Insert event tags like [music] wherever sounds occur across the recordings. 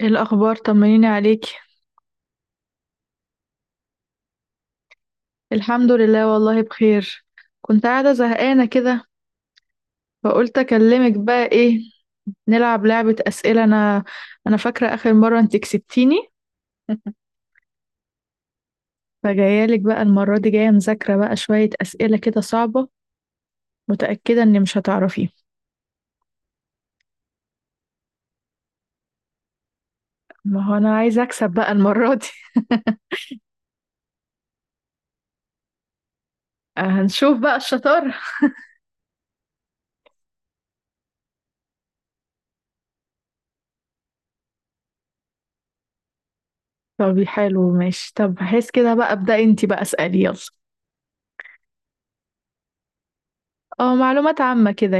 ايه الاخبار؟ طمنيني عليكي. الحمد لله والله بخير. كنت قاعده زهقانه كده، فقلت اكلمك بقى. ايه، نلعب لعبه اسئله. انا فاكره اخر مره انت كسبتيني. [laughs] فجايه لك بقى المره دي، جايه مذاكره بقى شويه اسئله كده صعبه، متاكده اني مش هتعرفيه. ما هو انا عايزه اكسب بقى المره دي. [laughs] هنشوف بقى الشطاره. طب حلو، ماشي، طب بحيث كده بقى ابدأي انت بقى، اسالي يلا. اه، معلومات عامه كده.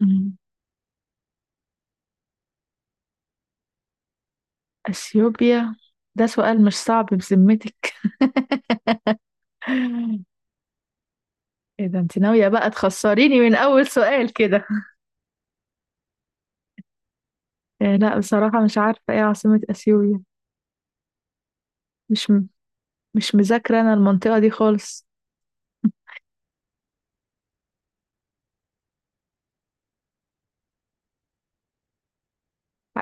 يعني. اثيوبيا. ده سؤال مش صعب بذمتك؟ [laughs] ايه ده؟ انت ناوية بقى تخسريني من اول سؤال كده؟ إيه، لا بصراحة مش عارفة ايه عاصمة اثيوبيا. مش م... مش مذاكرة انا المنطقة دي خالص.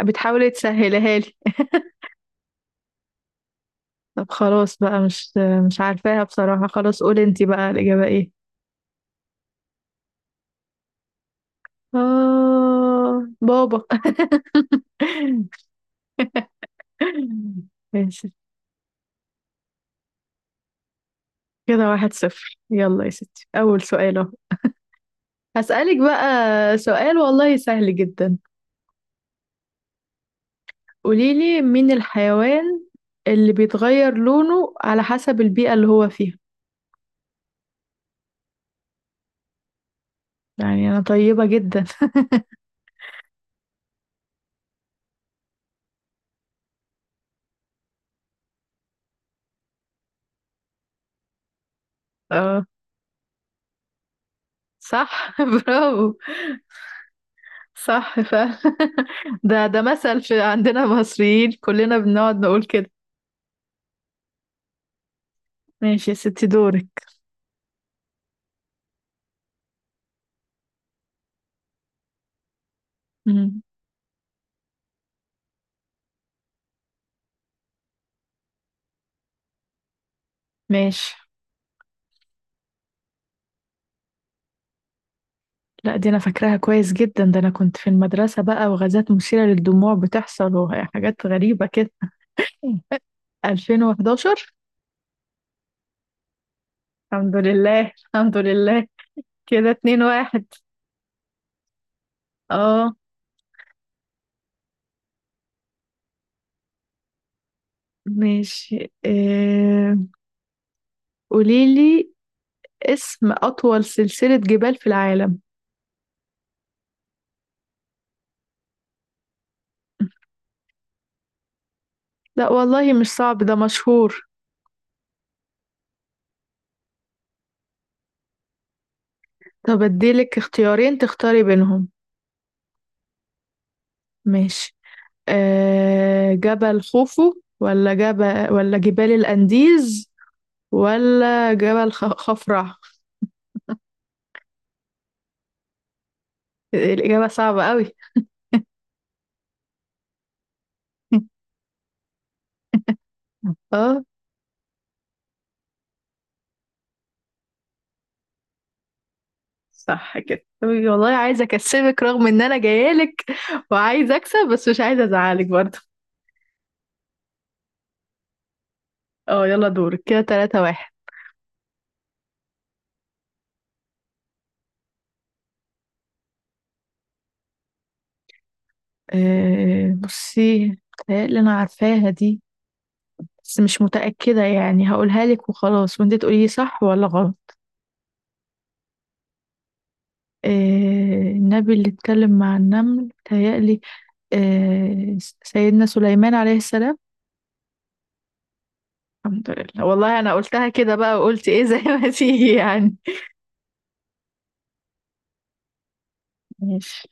بتحاولي تسهلها لي. طب خلاص بقى، مش عارفاها بصراحة، خلاص قولي انت بقى الإجابة ايه. آه، بابا. [laughs] ماشي. كده واحد صفر، يلا يا ستي أول سؤال اهو. هسألك بقى سؤال والله سهل جدا. قوليلي مين الحيوان اللي بيتغير لونه على حسب البيئة اللي هو فيها. يعني أنا طيبة جدا. اه، صح، [laughs] برافو. صح فعلا. [laughs] ده مثل في عندنا مصريين كلنا بنقعد نقول كده. ماشي يا ستي، دورك. مم. ماشي. لا، دي أنا فاكراها كويس جدا، ده أنا كنت في المدرسة بقى وغازات مثيرة للدموع بتحصل وحاجات غريبة كده. [laughs] 2011. الحمد لله. الحمد لله. كده اتنين واحد، اه. ماشي، قوليلي اسم أطول سلسلة جبال في العالم. لا والله، مش صعب، ده مشهور. طب اديلك اختيارين تختاري بينهم. ماشي. جبل خوفو، ولا جبل ولا جبال الأنديز، ولا خفرع؟ الإجابة صعبة قوي. [laughs] اه صح كده، طيب والله عايزة أكسبك رغم إن أنا جايالك وعايزة أكسب، بس مش عايزة أزعلك برضه. اه، يلا دورك، كده تلاتة واحد. بصي، اللي انا عارفاها دي، بس مش متأكدة يعني، هقولها لك وخلاص وانت تقولي لي صح ولا غلط. آه، النبي اللي اتكلم مع النمل تهيألي سيدنا سليمان عليه السلام. الحمد لله، والله انا قلتها كده بقى وقلت ايه زي ما [laughs] تيجي يعني. ماشي.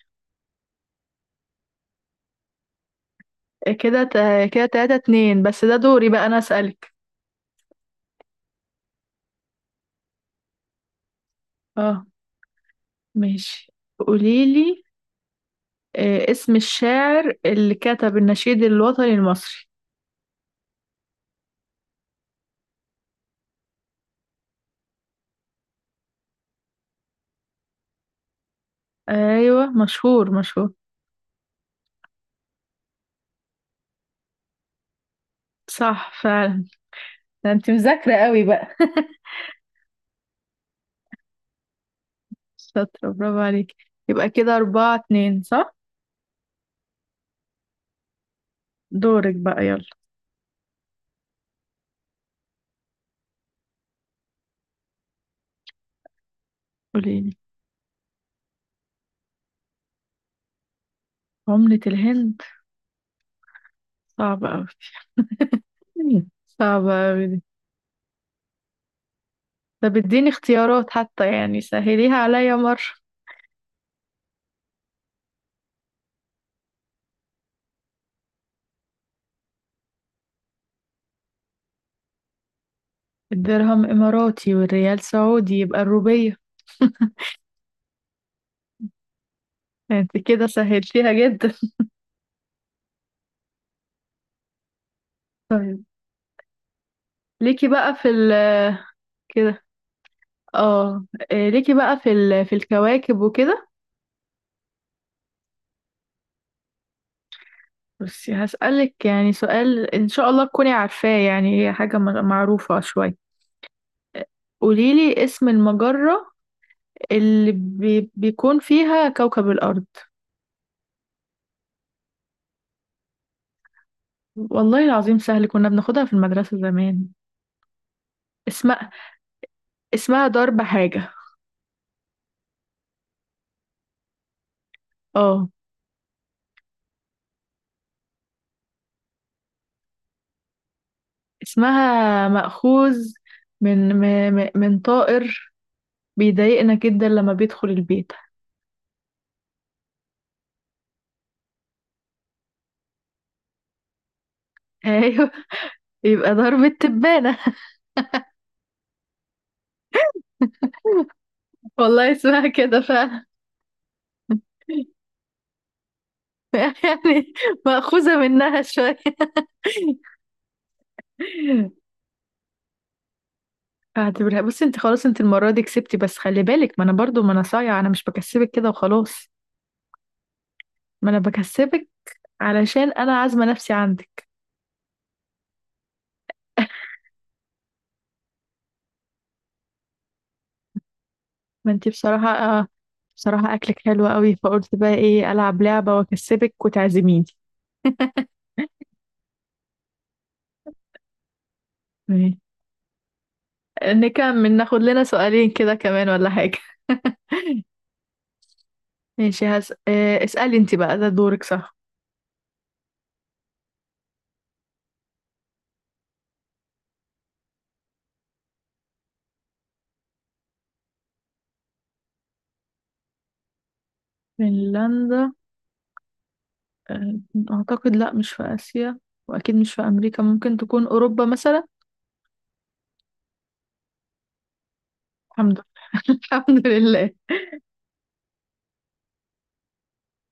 كده تلاتة اتنين، بس ده دوري بقى انا اسألك. اه، ماشي. قوليلي اسم الشاعر اللي كتب النشيد الوطني المصري. ايوه، مشهور مشهور. صح فعلا. ده انت مذاكرة قوي بقى. [laughs] شاطرة، برافو عليك. يبقى كده أربعة اتنين، صح. دورك بقى، يلا. قوليلي عملة الهند. صعبة أوي. صعبة أوي دي. طب اديني اختيارات حتى يعني سهليها عليا مرة. الدرهم إماراتي والريال سعودي، يبقى الروبية. انت كده سهلتيها جدا. طيب، ليكي بقى في ال كده. اه. إيه، ليكي بقى في الكواكب وكده. بس هسألك يعني سؤال، إن شاء الله تكوني عارفاه، يعني هي حاجة معروفة شوية. قوليلي اسم المجرة اللي بيكون فيها كوكب الأرض. والله العظيم سهل، كنا بناخدها في المدرسة زمان. اسمها اسمها درب حاجة. اه. اسمها مأخوذ من طائر بيضايقنا جدا لما بيدخل البيت. [laughs] ايوه. يبقى درب التبانة. [laughs] والله اسمها كده فعلا. [laughs] يعني، مأخوذة منها شوية. اعتبرها، بصي انت خلاص، انت المرة دي كسبتي بس خلي بالك، ما انا برضو ما انا صايعة، انا مش بكسبك كده وخلاص. ما انا بكسبك علشان انا عازمة نفسي عندك. [laughs] ما انت بصراحة، آه، بصراحة اكلك حلو قوي، فقلت بقى ايه، العب لعبة واكسبك وتعزميني. [laughs] ماشي. نكمل، ناخد لنا سؤالين كده كمان ولا حاجة؟ [laughs] ماشي. هس... آه، اسألي انت بقى، ده دورك صح. فنلندا. آه، اعتقد لا مش في اسيا. واكيد مش في امريكا، ممكن تكون اوروبا مثلا. الحمد لله. [laughs] الحمد لله.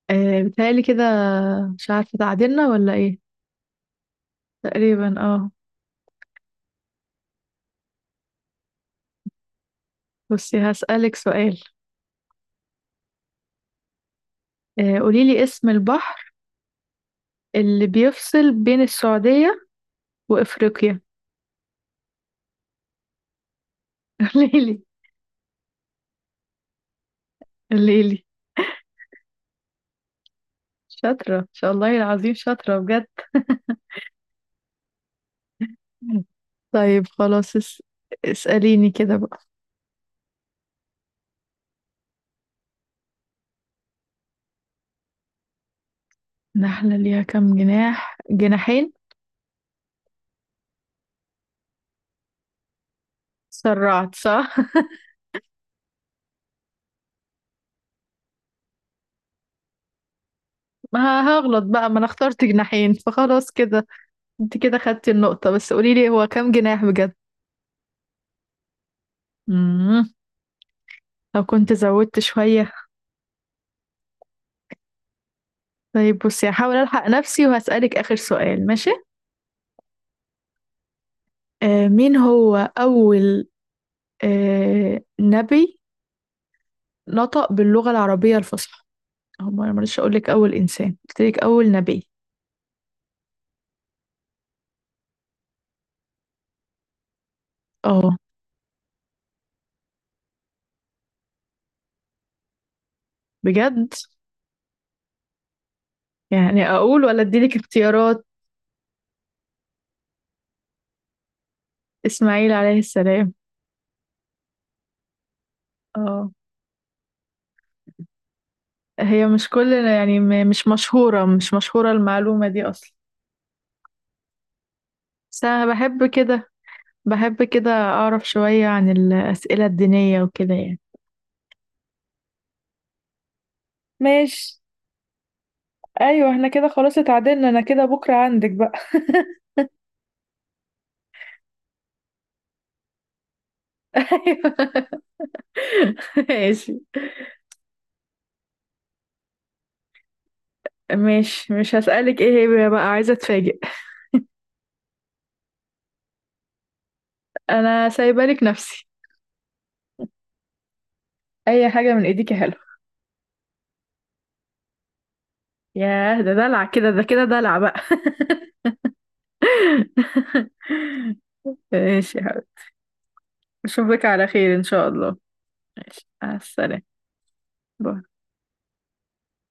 آه، بتهيألي كده، مش عارفة تعادلنا ولا ايه. تقريبا، اه. بصي، هسألك سؤال. قوليلي اسم البحر اللي بيفصل بين السعودية وإفريقيا. [laughs] قوليلي. قوليلي. شاطرة، ان شاء الله العظيم شاطرة بجد. طيب خلاص. اسأليني كده بقى. نحلة ليها كام جناح؟ جناحين. سرعت، صح. [laughs] ما هغلط بقى، ما انا اخترت جناحين فخلاص كده. انت كده خدتي النقطة، بس قوليلي هو كام جناح بجد؟ امم. لو كنت زودت شوية. طيب، بصي، هحاول ألحق نفسي وهسألك آخر سؤال، ماشي. مين هو أول نبي نطق باللغة العربية الفصحى؟ هو ما مرضتش أقولك أول إنسان، قلتلك أول نبي. اه، بجد. يعني أقول ولا أديلك اختيارات؟ إسماعيل عليه السلام. اه. هي مش كل يعني، مش مشهورة مش مشهورة المعلومة دي أصلا. بس أنا بحب كده، بحب كده أعرف شوية عن الأسئلة الدينية وكده يعني. ماشي. ايوه، احنا كده خلاص اتعادلنا، انا كده بكره عندك بقى. [laughs] أيوة. [laughs] ماشي. ماشي، مش هسألك ايه. هي بقى عايزة اتفاجئ. أنا سايبالك نفسي. اي حاجه من ايديك يا حلو. ياه، ده دلع كده، ده كده دلع بقى. [laughs] ماشي يا حبيبي. أشوفك على خير إن شاء الله. ماشي، مع السلامة. باي.